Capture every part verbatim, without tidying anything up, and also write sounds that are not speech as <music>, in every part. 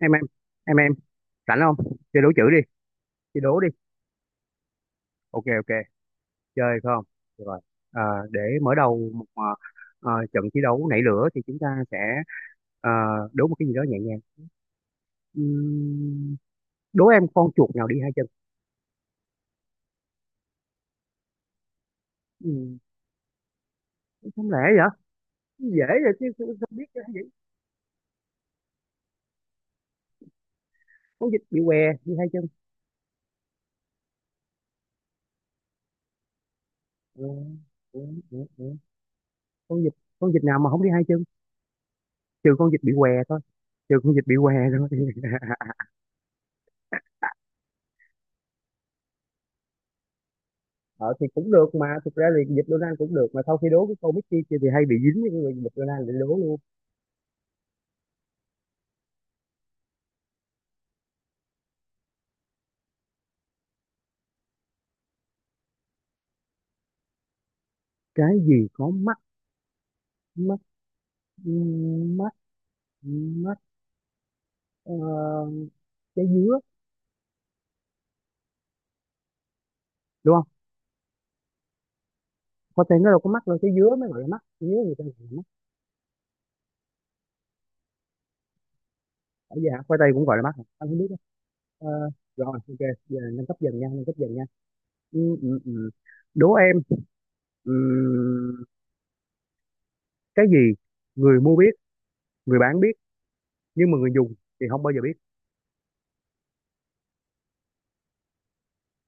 em em em em rảnh không? Chơi đố chữ đi, chơi đố đi. Ok ok chơi phải không? Được rồi. Ờ, để mở đầu một ờ, ờ, trận thi đấu nảy lửa thì chúng ta sẽ ờ, đố một cái gì đó nhẹ nhàng. Ừm, Đố em, con chuột nào đi hai chân? Ừm, không lẽ vậy, dễ vậy chứ, không không biết cái gì. Con vịt bị què đi hai chân. Ờ, ờ, ờ, ờ. Con vịt, con vịt nào mà không đi hai chân, trừ con vịt bị què thôi. Trừ con vịt bị què thôi. <laughs> ờ thì cũng được mà, thực ra thì dịch Donald cũng được mà, sau khi đố cái câu Mickey kia thì hay bị dính với cái người dịch Donald, để đố luôn. Cái gì có mắt? Mắt, mắt, mắt, ờ, trái dứa. Đúng không? Khoai tây nó đâu có mắt đâu, trái dứa mới gọi là mắt, trái dứa người ta gọi là mắt. Ở vậy hả, khoai tây cũng gọi là mắt hả? Anh không biết đó. Ờ, Rồi, ok, giờ nâng cấp dần nha, nâng cấp dần nha. ừ, ừ, ừ. Đố em, ừ, cái gì người mua biết, người bán biết, nhưng mà người dùng thì không bao giờ biết?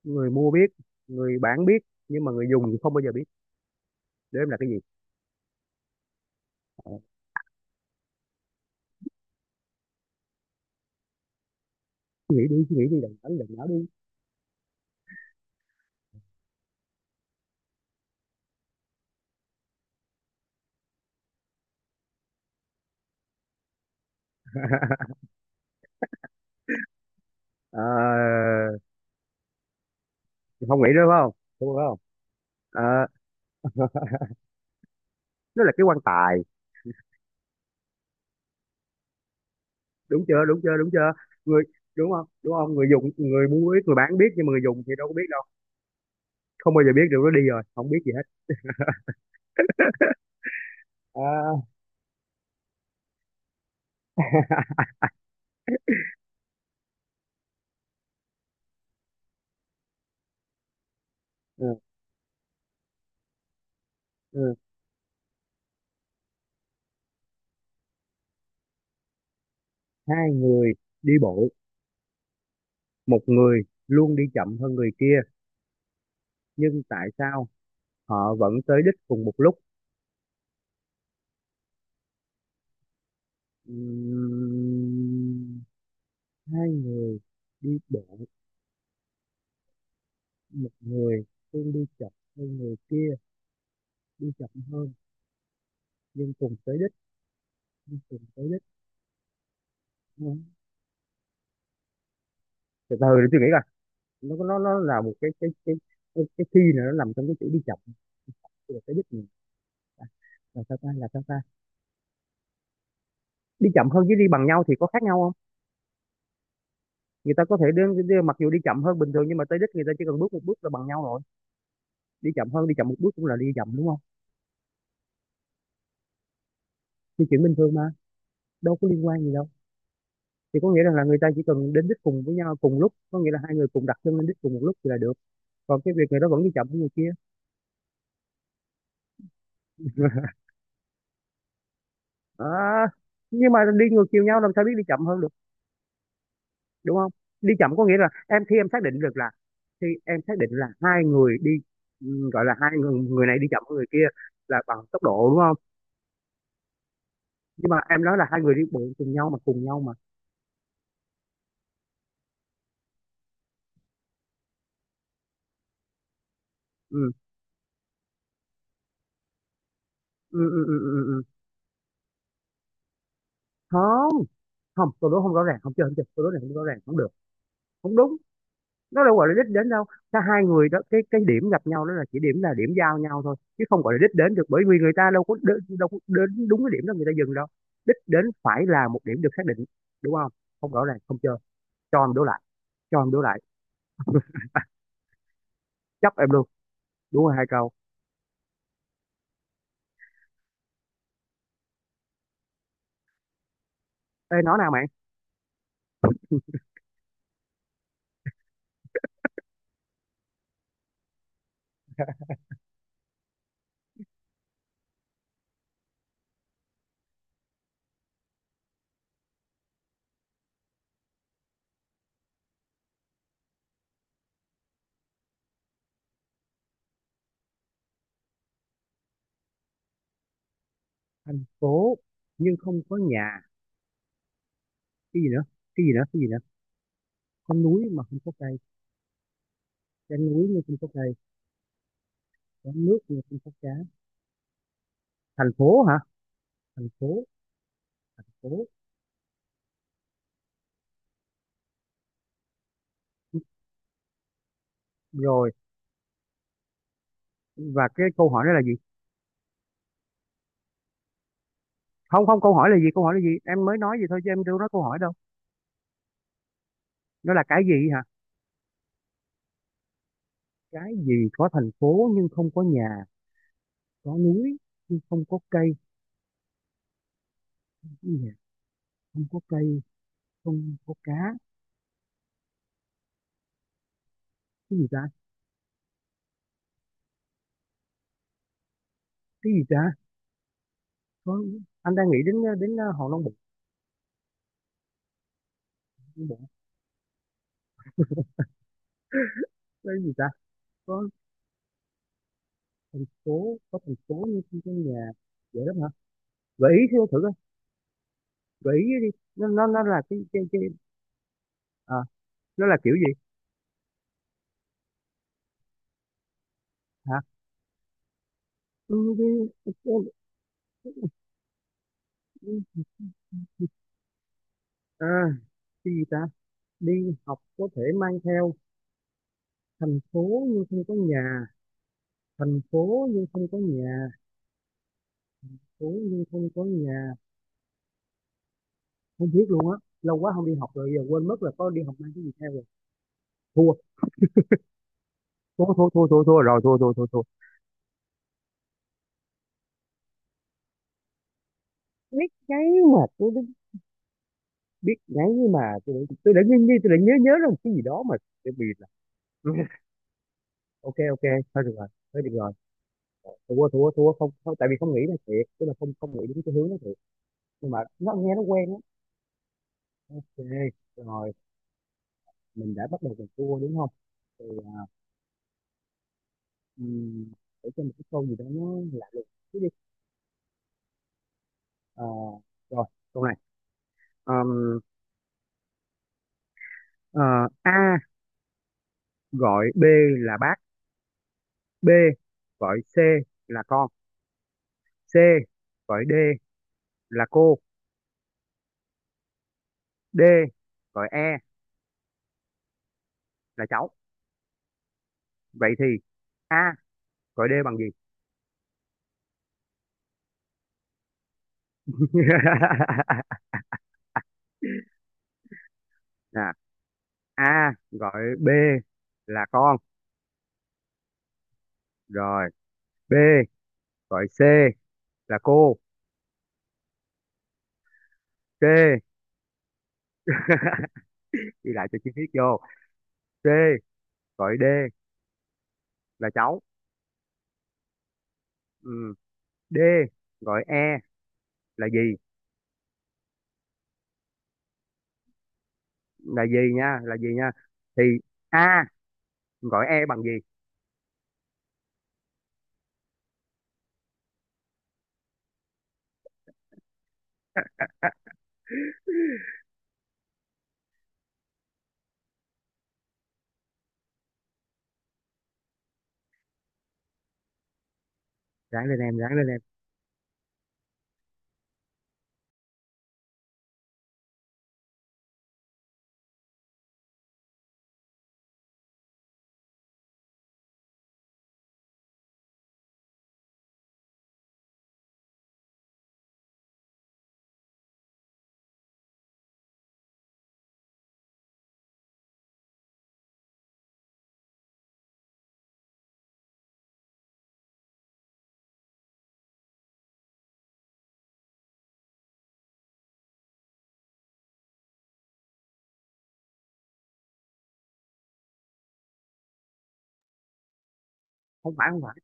Người mua biết, người bán biết, nhưng mà người dùng thì không bao giờ biết. Để em là cái gì. Ờ, Suy nghĩ đi, suy nghĩ đi, đừng đánh đừng não đi. Ờ, Không nghĩ nữa phải không? Đúng không? Ờ, nó là cái quan tài. Đúng chưa, đúng chưa, đúng chưa? Người, đúng không, đúng không? Người dùng, người mua biết, người bán biết, nhưng mà người dùng thì đâu có biết đâu, không bao giờ biết được, nó đi rồi không biết gì hết. Ờ, ừ, ừ. Hai người đi bộ, một người luôn đi chậm hơn người kia, nhưng tại sao họ vẫn tới đích cùng một lúc? Ừm, Hai đi bộ, một người luôn đi chậm hơn người kia, đi chậm hơn nhưng cùng tới đích, nhưng cùng tới đích. Ừ. Từ từ để tôi nghĩ coi. Nó nó nó là một cái cái cái cái, cái khi này nó nằm trong cái chữ đi chậm. Tức là tới đích mình là sao ta, là sao ta? Đi chậm hơn với đi bằng nhau thì có khác nhau không? Người ta có thể đến, đi- mặc dù đi chậm hơn bình thường nhưng mà tới đích người ta chỉ cần bước một bước là bằng nhau rồi. Đi chậm hơn, đi chậm một bước cũng là đi chậm đúng không? Thì chuyện bình thường mà, đâu có liên quan gì đâu. Thì có nghĩa rằng là người ta chỉ cần đến đích cùng với nhau cùng lúc, có nghĩa là hai người cùng đặt chân lên đích cùng một lúc thì là được, còn cái việc người đó vẫn đi chậm hơn người kia. <laughs> À, nhưng mà đi ngược chiều nhau làm sao biết đi chậm hơn được, đúng không? Đi chậm có nghĩa là em khi em xác định được là, khi em xác định là hai người đi, ừ, gọi là hai người, người này đi chậm hơn người kia là bằng tốc độ đúng không? Nhưng mà em nói là hai người đi bộ cùng nhau mà, cùng nhau mà. ừ ừ ừ ừ, ừ. ừ. không không câu đố không rõ ràng không chơi, không chơi, câu đố này không rõ ràng không được, không đúng. Nó đâu gọi là đích đến đâu. Cả hai người đó, cái cái điểm gặp nhau đó là chỉ điểm, là điểm giao nhau thôi, chứ không gọi là đích đến được, bởi vì người ta đâu có đến, đâu có đến đúng cái điểm đó người ta dừng đâu. Đích đến phải là một điểm được xác định, đúng không? Không rõ ràng không chơi. Cho em đổ lại, cho em đổ lại. Chấp em luôn, đúng rồi hai câu. Ê nói nào mày. Thành phố nhưng không có nhà, cái gì nữa, cái gì nữa, cái gì nữa? Có núi mà không có cây, có núi nhưng không có cây, có nước nhưng không có cá. Thành phố hả? Thành phố, thành phố. Rồi, và cái câu hỏi đó là gì? Không, không, câu hỏi là gì, câu hỏi là gì, em mới nói gì thôi chứ em đâu nói câu hỏi đâu. Nó là cái gì hả? Cái gì có thành phố nhưng không có nhà, có núi nhưng không có cây, không có nhà, không có cây, không có cá. Cái gì ta, cái gì ta, có, anh đang nghĩ đến, đến hòn non bộ. Long Bộ. Cái gì ta, có phố, có thành phố nhưng không có nhà. Vậy đó hả? Gợi ý thử, thử coi, gợi ý đi. Nó nó nó là cái cái cái, à, nó là kiểu gì? Hả? Ừ, cái- cái- à, cái gì ta, đi học có thể mang theo, thành phố nhưng không có nhà, thành phố nhưng không có nhà, phố nhưng không có nhà. Không biết luôn á. Lâu quá không đi học rồi giờ quên mất là có đi học mang cái gì theo rồi. Thua thua thua thua thua thua rồi, thua thua thua thua. Biết ngáy mà tôi biết, biết ngáy nhưng mà, tôi đã, tôi đã nghi nghi tôi đã nhớ nhớ ra một cái gì đó mà, tôi bị là. <laughs> ok ok thôi được rồi, thôi được rồi. Thua thua thua không, không, tại vì không nghĩ là thiệt, tức là không không nghĩ đến cái hướng đó thiệt. Nhưng mà nó nghe nó quen á. Ok, rồi, mình đã bắt đầu mình thua đúng không? Thì, Ừm, để cho một cái câu gì đó nó lạ lùng chút đi. Ờ, Rồi, câu này. Ờm, ờ, A gọi B là bác, B gọi C là con, C gọi D là cô, D gọi E là cháu, vậy thì A gọi D bằng gì? <laughs> Nè, A gọi B là con, rồi B gọi C là cô, C. <laughs> Ghi lại cho chi tiết vô. C gọi D là cháu, ừ. D gọi E là gì, là gì nha, là gì nha? Thì A gọi E bằng gì? Ráng lên em, ráng lên em. Không phải, không phải.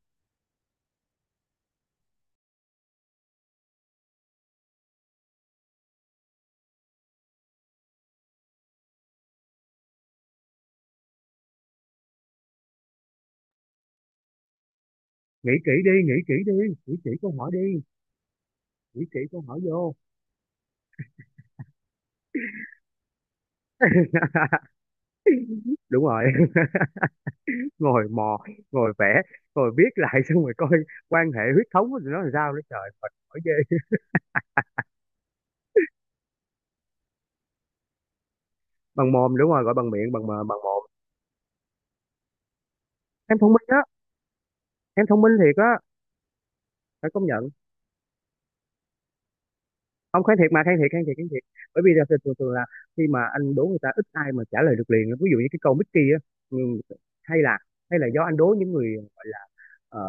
Nghĩ kỹ đi, nghĩ kỹ đi, nghĩ kỹ câu hỏi đi, nghĩ kỹ câu hỏi vô. <laughs> Đúng rồi. <laughs> Ngồi mò, ngồi vẽ, ngồi viết lại xong rồi coi quan hệ huyết thống của tụi nó làm sao, nữa trời mệt mỏi ghê. Bằng mồm, đúng rồi, gọi bằng miệng, bằng mờ- bằng mồm. Em thông minh á, em thông minh thiệt á, phải công nhận. Không, kháng thiệt mà, kháng thiệt, kháng thiệt, kháng thiệt. Bởi vì là thường thường thường là khi mà anh đố người ta, ít ai mà trả lời được liền, ví dụ như cái câu Mickey á, ừ, hay là, hay là do anh đố những người gọi là ờ,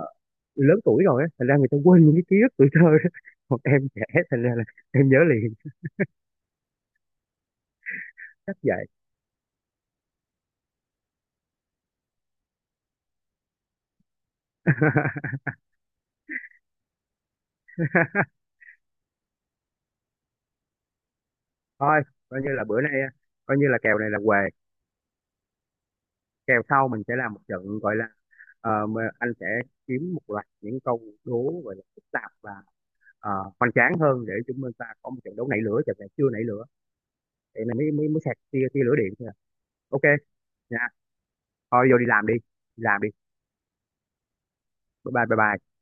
lớn tuổi rồi á, thành ra người ta quên những cái ký ức tuổi thơ đó. Còn <laughs> em trẻ, thành ra là em nhớ liền. Chắc vậy. <laughs> Thôi, coi như là bữa nay, coi như là kèo này là què, kèo sau mình sẽ làm một trận gọi là, ờ, mà anh sẽ kiếm một loạt những câu đố gọi là phức tạp và ờ, hoành tráng hơn, để chúng ta có một trận đấu nảy lửa, trận này chưa nảy lửa, vậy là mới mới mới sạc tia tia lửa điện thôi à. Ok nha, thôi vô đi làm đi, đi làm đi. Bye bye, bye bye